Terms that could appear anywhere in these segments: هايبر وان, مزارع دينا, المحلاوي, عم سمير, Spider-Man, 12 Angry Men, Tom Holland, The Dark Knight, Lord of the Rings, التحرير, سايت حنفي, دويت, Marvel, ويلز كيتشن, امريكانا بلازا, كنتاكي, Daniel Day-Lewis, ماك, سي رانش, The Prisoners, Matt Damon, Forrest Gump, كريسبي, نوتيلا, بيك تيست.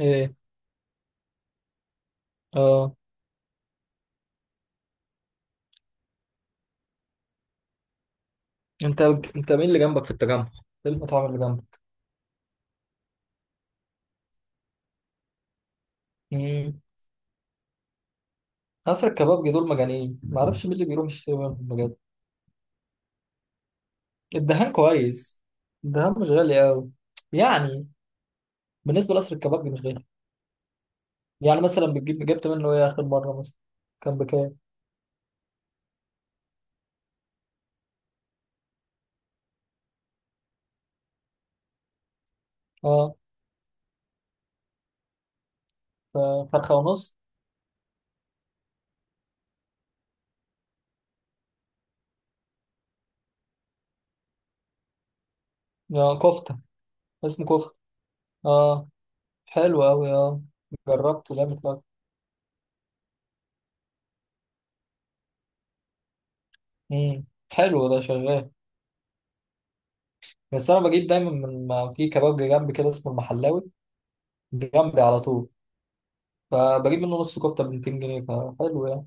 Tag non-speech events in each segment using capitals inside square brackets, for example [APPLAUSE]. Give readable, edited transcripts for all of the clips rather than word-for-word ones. ايه، اه، انت مين اللي جنبك في التجمع؟ ايه المطاعم اللي جنبك؟ امم. عصر الكبابجي دول مجانين، ما اعرفش مين اللي بيروح يشتري منهم بجد. الدهان كويس. الدهان مش غالي قوي، يعني بالنسبه لقصر الكبابجي مش غالي. يعني مثلا جبت منه ايه اخر مره؟ مثلا كان بكام؟ اه، ف- فرخه ونص. اه كفته. اسمه كفته. اه، حلو قوي. اه. جربته جامد قوي. امم. حلو، ده شغال. بس انا بجيب دايما ما في كبابجي جنبي كده اسمه المحلاوي. جنبي على طول. فبجيب منه نص كفته ب 200 جنيه، فحلو يعني.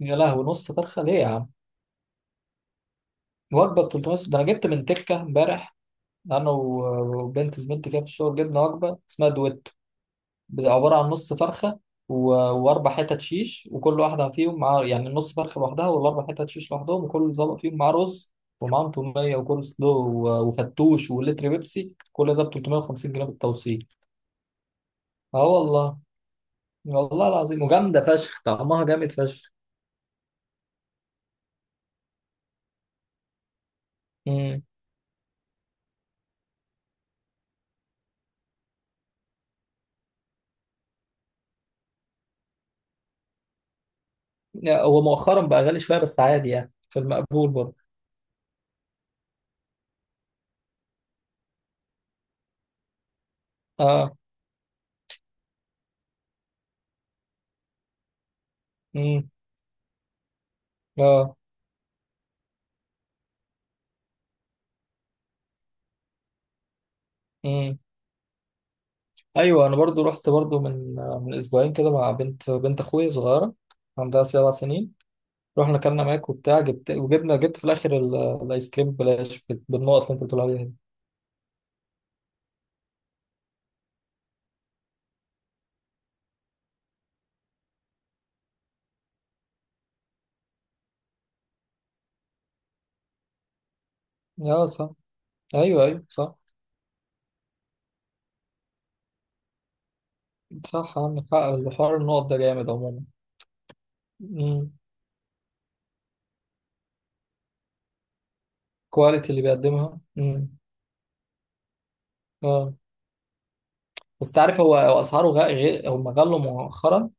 يا لهوي، نص فرخه ليه يا عم؟ وجبه ب 300؟ ده انا جبت من تكه امبارح. انا وبنت زميلتي كده في الشغل جبنا وجبه اسمها دويت. عباره عن نص فرخه، واربع حتت شيش، وكل واحده فيهم مع، يعني، نص فرخه لوحدها والاربع حتت شيش لوحدهم وكل طبق فيهم معاه رز، ومعاهم توميه وكول سلو وفتوش ولتر بيبسي. كل ده ب 350 جنيه بالتوصيل. اه والله. والله العظيم، وجامده فشخ، طعمها جامد فشخ. هو مؤخرا بقى غالي شويه بس عادي، يعني في المقبول برضه. اه. امم. اه. امم. ايوه، انا برضو رحت برضو من اسبوعين كده مع بنت اخويا صغيره. عندها 7 سنين. رحنا اكلنا ماك وبتاع جبت، وجبنا جبت في الاخر الايس كريم ببلاش بالنقط اللي انت بتقول عليها دي. اه صح. ايوه، ايوه، صح. صح، عندك حق، الحوار النقط ده جامد عموما. امم. كواليتي اللي بيقدمها. امم. اه، بس تعرف، هو اسعاره غير، هم غلوا مؤخرا.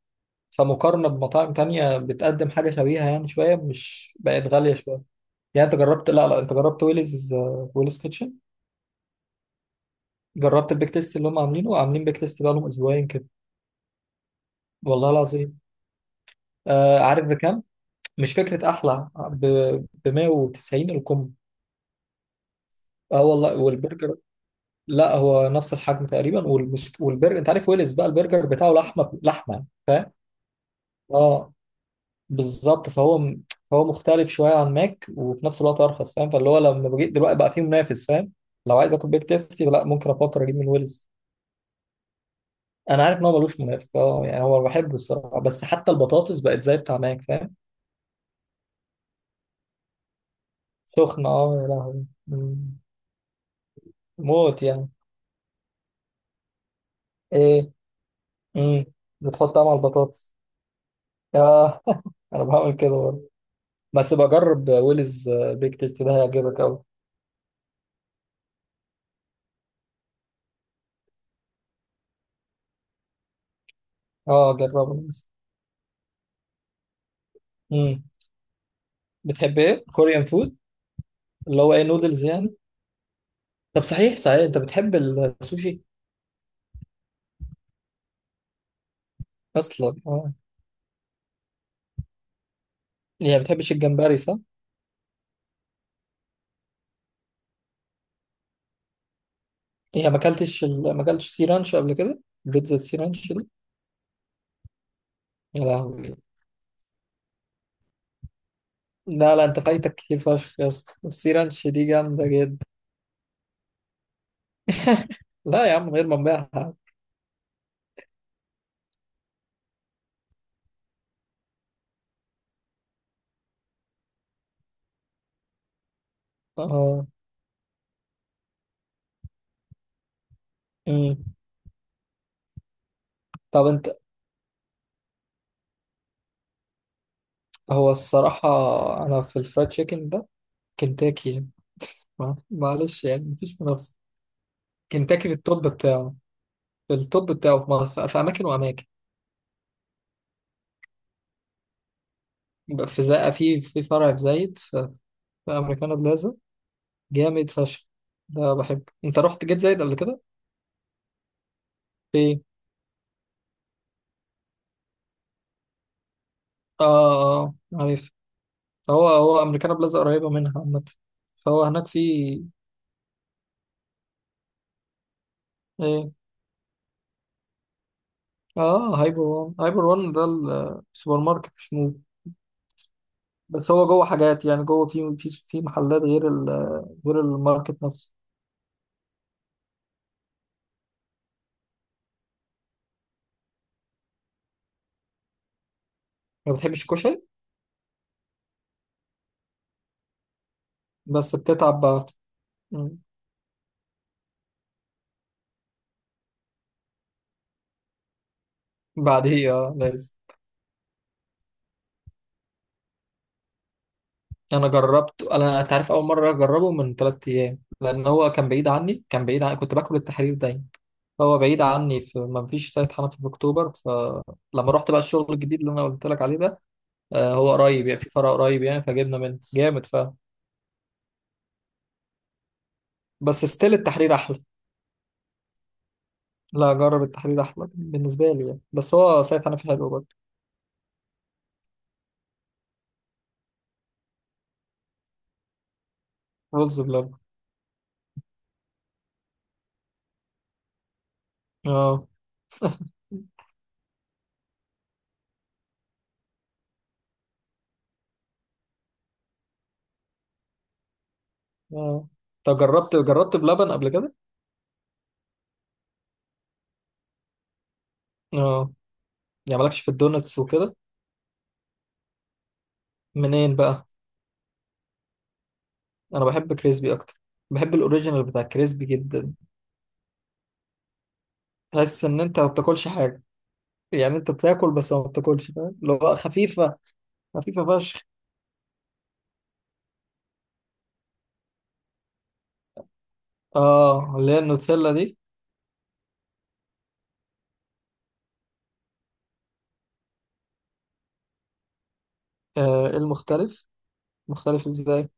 فمقارنة بمطاعم تانية بتقدم حاجة شبيهة، يعني شوية مش بقت غالية شوية. يعني انت جربت لا، لا، انت جربت ويلز، ويلز كيتشن. جربت البيك تيست اللي هم عاملين بيك تيست بقالهم اسبوعين كده. والله العظيم. عارف بكام؟ مش فكرة، احلى ب 190، الكم. اه والله. والبرجر؟ لا، هو نفس الحجم تقريبا، والبرجر، انت عارف ويلز بقى البرجر بتاعه لحمة لحمة يعني، فاهم؟ اه بالظبط. فهو فهو مختلف شويه عن ماك وفي نفس الوقت ارخص، فاهم؟ فاللي هو لما بجيت دلوقتي بقى فيه منافس، فاهم؟ لو عايز اكل بيك تيستي، لا، ممكن افكر اجيب من ويلز. انا عارف ان هو ملوش منافس، اه، يعني هو بحبه الصراحه، بس حتى البطاطس بقت زي بتاع ماك، فاهم؟ سخنه. اه، يا لهوي. مم. موت يعني. ايه. امم. بتحطها مع البطاطس؟ اه. [LAUGHS] انا بعمل كده برضه. بس بجرب ويلز، بيك تيستي ده هيعجبك قوي. اه جربه. امم. بتحب ايه كوريان فود؟ اللي هو ايه، نودلز يعني؟ طب، صحيح صحيح، انت بتحب السوشي؟ اصلا، اه. يعني ما بتحبش الجمبري، صح؟ يعني ما اكلتش سي رانش قبل كده؟ بيتزا سي رانش دي؟ يا لهوي. لا، لا، انت فايتك كتير فشخ يا اسطى، السي رانش دي جامده جدا. لا يا عم، من غير ما نبيعها. اه. امم. طب انت. هو الصراحه، انا في الفرايد تشيكن ده، كنتاكي يعني، معلش، يعني مفيش منافسه. كنتاكي في التوب بتاعه في مصر، في اماكن واماكن. في زي، في فرع في زايد. في، في امريكانا بلازا، جامد فشخ. ده بحبه. انت رحت جيت زايد قبل كده؟ في. اه، اه، عارف. هو امريكانا بلازا قريبه منها عامه. فهو هناك في. ايه، اه، هايبر وان ده. السوبر ماركت، مش مول. بس هو جوه حاجات، يعني جوه في محلات غير غير الماركت نفسه. ما بتحبش الكشري؟ بس بتتعب بعد. مم. بعديه، اه لازم. انا جربت. انا، انت عارف، اول مره اجربه من 3 ايام، لان هو كان بعيد عني، كنت باكل التحرير دايما. هو بعيد عني، في، ما فيش سايت حنفي في اكتوبر، فلما رحت بقى الشغل الجديد اللي انا قلت لك عليه ده، هو قريب، يعني في فرع قريب يعني، فجبنا منه جامد. بس ستيل التحرير احلى. لا، جرب، التحرير احلى بالنسبه لي يعني، بس هو سايت حنفي حلو برضه. رز بلبن. اه، اه. طب، جربت بلبن قبل كده؟ اه. يعني مالكش في الدونتس وكده؟ منين بقى؟ انا بحب كريسبي اكتر، بحب الاوريجينال بتاع كريسبي جدا. تحس ان انت ما بتاكلش حاجه. يعني انت بتاكل بس ما بتاكلش، فاهم؟ اللي هو خفيف. خفيفة فشخ. اه، اللي هي النوتيلا دي؟ إيه المختلف؟ مختلف ازاي؟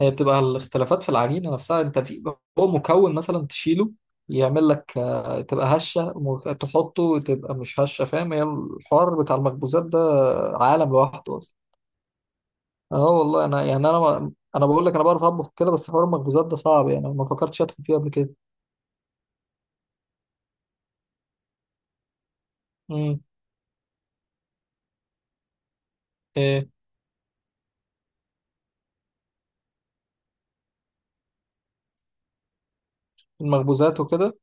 هي بتبقى الاختلافات في العجينة نفسها. انت في، هو مكون مثلا تشيله، يعمل لك، تبقى هشة، تحطه تبقى مش هشة، فاهم؟ هي الحوار بتاع المخبوزات ده عالم لوحده اصلا. اه والله. انا يعني، انا انا بقول لك، انا بعرف اطبخ كده بس حوار المخبوزات ده صعب، يعني ما فكرتش ادخل فيه قبل كده. امم. ايه، المخبوزات وكده.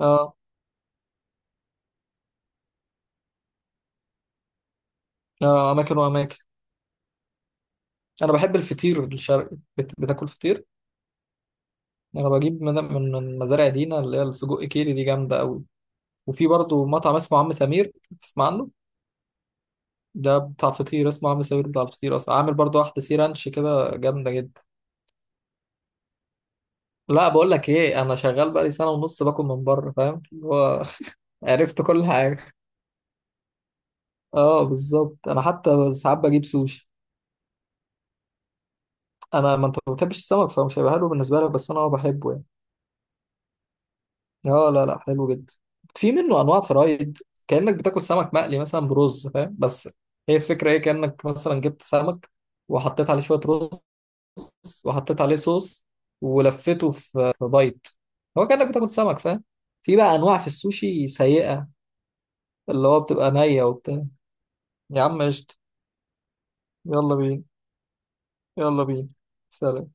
اه، اماكن واماكن. انا بحب الفطير الشرقي. بتاكل فطير؟ انا بجيب من مزارع دينا، اللي هي السجق كيري دي جامده قوي. وفي برضو مطعم اسمه عم سمير، تسمع عنه؟ ده بتاع فطير اسمه عم سمير، بتاع فطير اصلا، عامل برضو واحده سي رانش كده جامده جدا. لا، بقول لك ايه، انا شغال بقالي سنه ونص باكل من بره، فاهم؟ اللي هو. [LAUGHS] عرفت كل حاجه. اه، بالظبط. انا حتى ساعات بجيب سوشي. انا ما انت ما بتحبش السمك فمش هيبقى حلو بالنسبه لك، بس انا بحبه يعني. اه، لا، لا، حلو جدا. في منه انواع فرايد، كانك بتاكل سمك مقلي مثلا برز، فاهم؟ بس، هي الفكره ايه؟ كانك مثلا جبت سمك، وحطيت عليه شويه رز، وحطيت عليه صوص، ولفيته في بايت. هو كانك بتاكل سمك، فاهم؟ في بقى انواع في السوشي سيئه، اللي هو بتبقى نيه وبتاع. يا عم، قشطه. يلا بينا. يلا بينا. سلام.